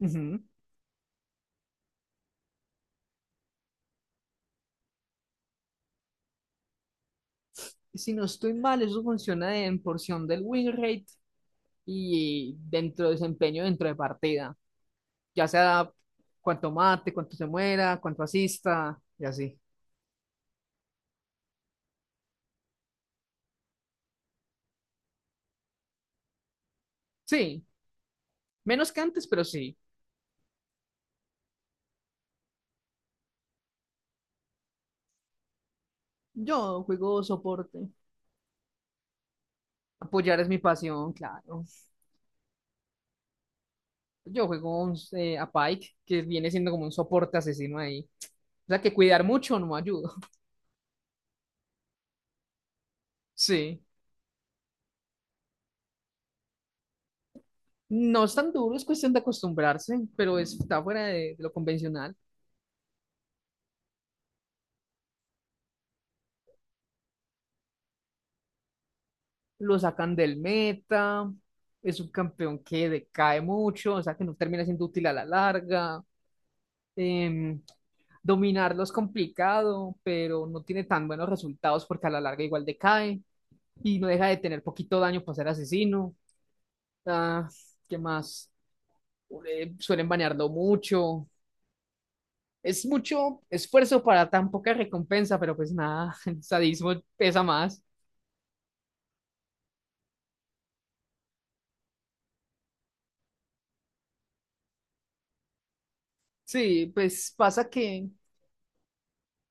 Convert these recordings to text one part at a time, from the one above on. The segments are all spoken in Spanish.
Ujú. Si no estoy mal, eso funciona en porción del win rate y dentro de desempeño dentro de partida. Ya sea cuánto mate, cuánto se muera, cuánto asista y así. Sí, menos que antes, pero sí. Yo juego soporte. Apoyar es mi pasión, claro. Yo juego a Pike, que viene siendo como un soporte asesino ahí. O sea que cuidar mucho no me ayuda. Sí. No es tan duro, es cuestión de acostumbrarse, pero está fuera de lo convencional. Lo sacan del meta, es un campeón que decae mucho, o sea que no termina siendo útil a la larga. Em, dominarlo es complicado, pero no tiene tan buenos resultados porque a la larga igual decae y no deja de tener poquito daño para ser asesino. Ah, ¿qué más? Suelen banearlo mucho. Es mucho esfuerzo para tan poca recompensa, pero pues nada, el sadismo pesa más. Sí. pues pasa que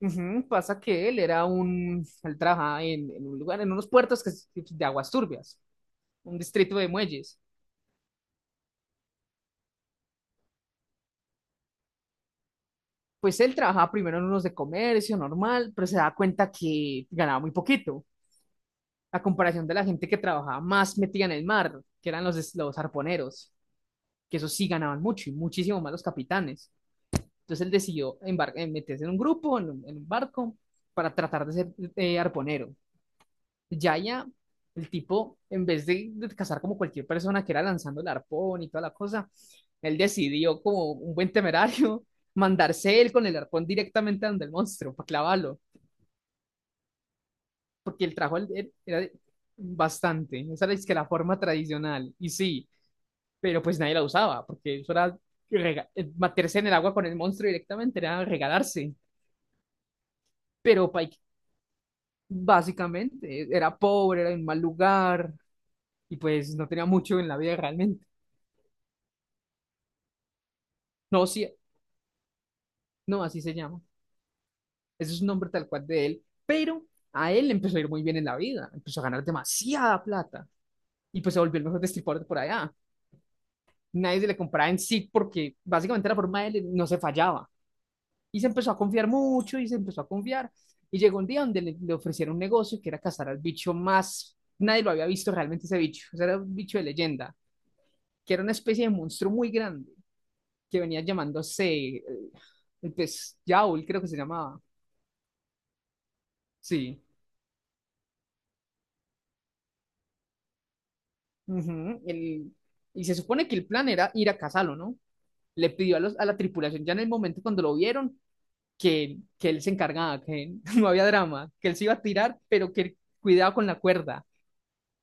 Ujú. Pasa que él trabajaba en un lugar, en unos puertos que, es de aguas turbias, un distrito de muelles. Pues él trabajaba primero en unos de comercio normal, pero se da cuenta que ganaba muy poquito, a comparación de la gente que trabajaba más metida en el mar, que eran los arponeros, que esos sí ganaban mucho y muchísimo más los capitanes. Entonces él decidió meterse en un grupo, en un barco, para tratar de ser arponero. Yaya, el tipo, en vez de cazar como cualquier persona que era lanzando el arpón y toda la cosa, él decidió, como un buen temerario, mandarse él con el arpón directamente a donde el monstruo, para clavarlo, porque el trabajo él era bastante, esa era es que la forma tradicional, y sí, pero pues nadie la usaba, porque eso era meterse en el agua con el monstruo directamente, era regalarse, pero Pike básicamente era pobre, era en mal lugar, y pues no tenía mucho en la vida realmente. No, sí. No, así se llama. Ese es un nombre tal cual de él, pero a él le empezó a ir muy bien en la vida, empezó a ganar demasiada plata y pues se volvió el mejor destripador de por allá. Nadie se le compraba en sí porque básicamente la forma de él no se fallaba y se empezó a confiar mucho y se empezó a confiar y llegó un día donde le ofrecieron un negocio que era cazar al bicho más, nadie lo había visto realmente ese bicho, o sea, era un bicho de leyenda, que era una especie de monstruo muy grande que venía llamándose, pues Yaul creo que se llamaba, sí. Ujú, y se supone que el plan era ir a cazarlo, ¿no? Le pidió a la tripulación ya en el momento cuando lo vieron que él se encargaba, que no había drama, que él se iba a tirar, pero que cuidado con la cuerda.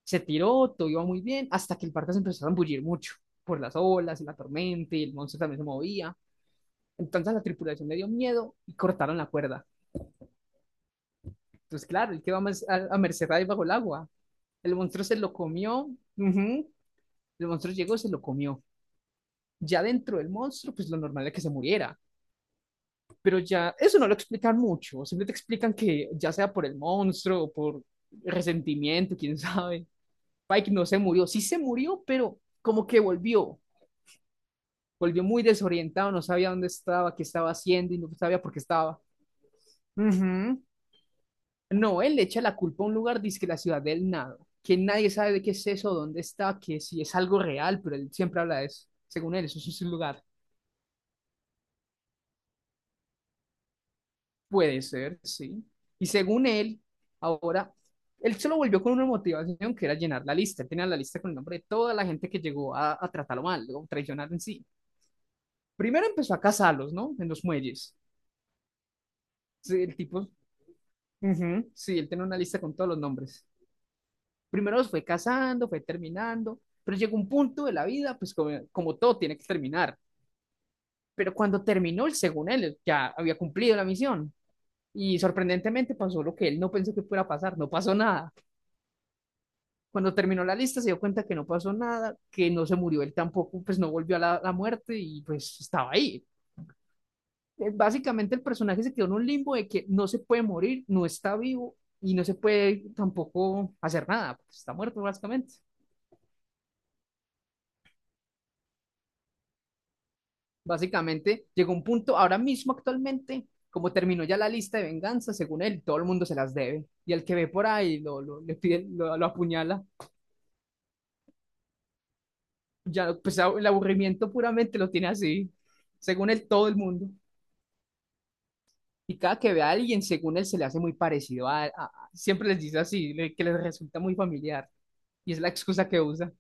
Se tiró, todo iba muy bien, hasta que el barco se empezó a embullir mucho por las olas y la tormenta y el monstruo también se movía. Entonces a la tripulación le dio miedo y cortaron la cuerda. Entonces, claro, él quedó más a merced ahí bajo el agua. El monstruo se lo comió, ujú. El monstruo llegó y se lo comió. Ya dentro del monstruo, pues lo normal era que se muriera. Pero ya, eso no lo explican mucho. Siempre te explican que ya sea por el monstruo o por resentimiento, quién sabe. Pike no se murió. Sí se murió, pero como que volvió. Volvió muy desorientado, no sabía dónde estaba, qué estaba haciendo y no sabía por qué estaba. Ujú. No, él le echa la culpa a un lugar, dice que la ciudad del nada, que nadie sabe de qué es eso, dónde está, que si es algo real, pero él siempre habla de eso. Según él, eso sí es un lugar. Puede ser, sí. Y según él, ahora, él se lo volvió con una motivación que era llenar la lista. Él tenía la lista con el nombre de toda la gente que llegó a tratarlo mal, o traicionarlo en sí. Primero empezó a cazarlos, ¿no? En los muelles. Sí, el tipo, ujú, sí, él tenía una lista con todos los nombres. Primero los fue cazando, fue terminando, pero llegó un punto de la vida, pues como todo tiene que terminar. Pero cuando terminó, él, según él, ya había cumplido la misión. Y sorprendentemente pasó lo que él no pensó que fuera a pasar, no pasó nada. Cuando terminó la lista se dio cuenta que no pasó nada, que no se murió él tampoco, pues no volvió a la muerte y pues estaba ahí. Básicamente el personaje se quedó en un limbo de que no se puede morir, no está vivo y no se puede tampoco hacer nada, pues está muerto básicamente. Básicamente llegó un punto, ahora mismo actualmente, como terminó ya la lista de venganza, según él, todo el mundo se las debe. Y el que ve por ahí le pide, lo apuñala. Ya, pues el aburrimiento puramente lo tiene así, según él, todo el mundo. Y cada que ve a alguien, según él, se le hace muy parecido siempre les dice así, que les resulta muy familiar. Y es la excusa que usa.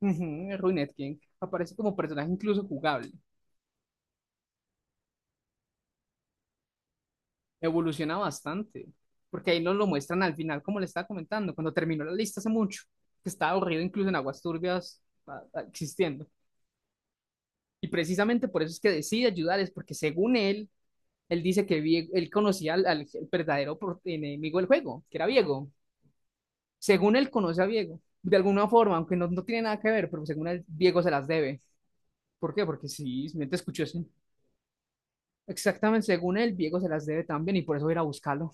Ujú. Ruined King aparece como personaje incluso jugable. Evoluciona bastante. Porque ahí nos lo muestran al final, como le estaba comentando, cuando terminó la lista hace mucho, que estaba aburrido incluso en aguas turbias existiendo. Y precisamente por eso es que decide ayudarles, porque según él, él dice que él conocía al verdadero enemigo del juego, que era Viego. Según él, conoce a Diego, de alguna forma, aunque no tiene nada que ver, pero según él, Diego se las debe. ¿Por qué? Porque sí, me te escuchó así. Exactamente, según él, Diego se las debe también y por eso va a ir a buscarlo.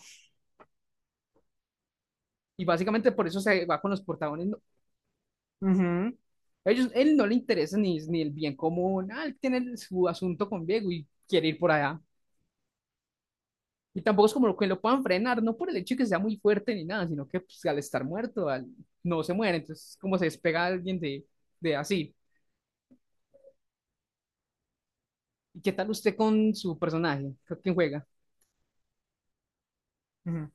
Y básicamente por eso se va con los protagonistas. Ujú. Ellos, él no le interesa ni el bien común, ah, él tiene su asunto con Diego y quiere ir por allá. Y tampoco es como lo que lo puedan frenar, no por el hecho de que sea muy fuerte ni nada, sino que pues, al estar muerto, no se muere, entonces como se despega alguien de así. ¿Y qué tal usted con su personaje? ¿Con quién juega? Ujú,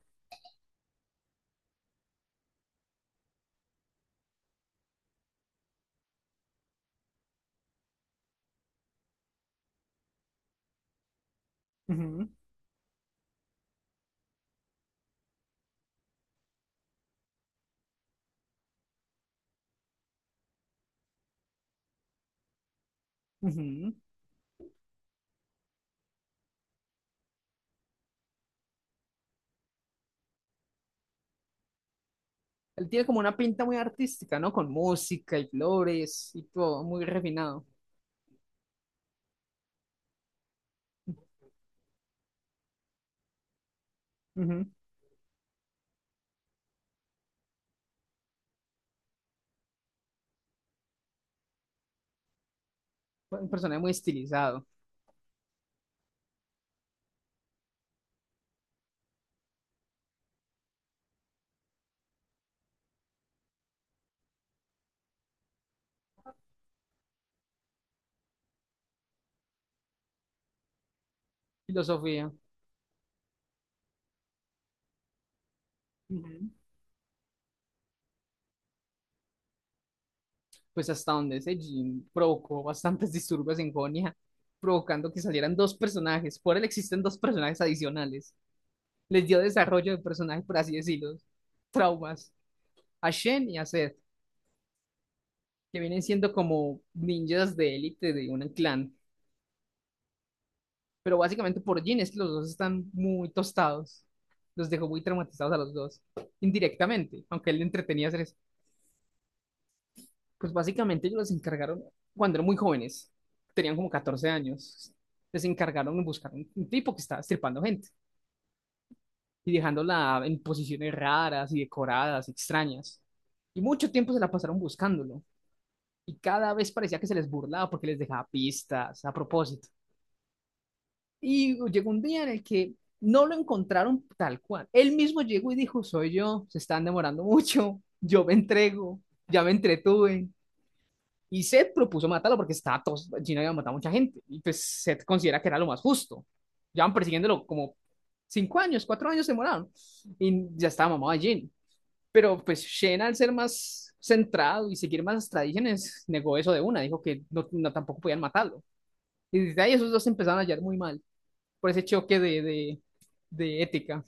ujú, ujú. Él tiene como una pinta muy artística, ¿no? Con música y flores y todo, muy refinado. Ujú. Un personaje muy estilizado. Filosofía, ujú. Pues hasta donde ese Jin provocó bastantes disturbios en Jonia, provocando que salieran dos personajes. Por él existen dos personajes adicionales. Les dio desarrollo de personaje, por así decirlo. Traumas. A Shen y a Zed. Que vienen siendo como ninjas de élite de un clan. Pero básicamente por Jin es que los dos están muy tostados. Los dejó muy traumatizados a los dos, indirectamente, aunque él le entretenía hacer eso. Pues básicamente ellos los encargaron cuando eran muy jóvenes, tenían como 14 años. Les encargaron de buscar un tipo que estaba estripando gente y dejándola en posiciones raras y decoradas, extrañas. Y mucho tiempo se la pasaron buscándolo. Y cada vez parecía que se les burlaba porque les dejaba pistas a propósito. Y llegó un día en el que no lo encontraron tal cual. Él mismo llegó y dijo: soy yo, se están demorando mucho, yo me entrego, ya me entretuve. Y Seth propuso matarlo porque estaba todo, Gino había matado a mucha gente. Y pues Seth considera que era lo más justo. Llevan persiguiéndolo como 5 años, 4 años demoraron. Y ya estaba mamado de Gino. Pero pues Shen, al ser más centrado y seguir más las tradiciones, negó eso de una. Dijo que no, no tampoco podían matarlo. Y desde ahí esos dos empezaron a hallar muy mal por ese choque de ética.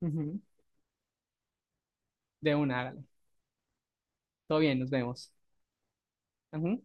Ujú. De una, hágale. Todo bien, nos vemos. Ujú.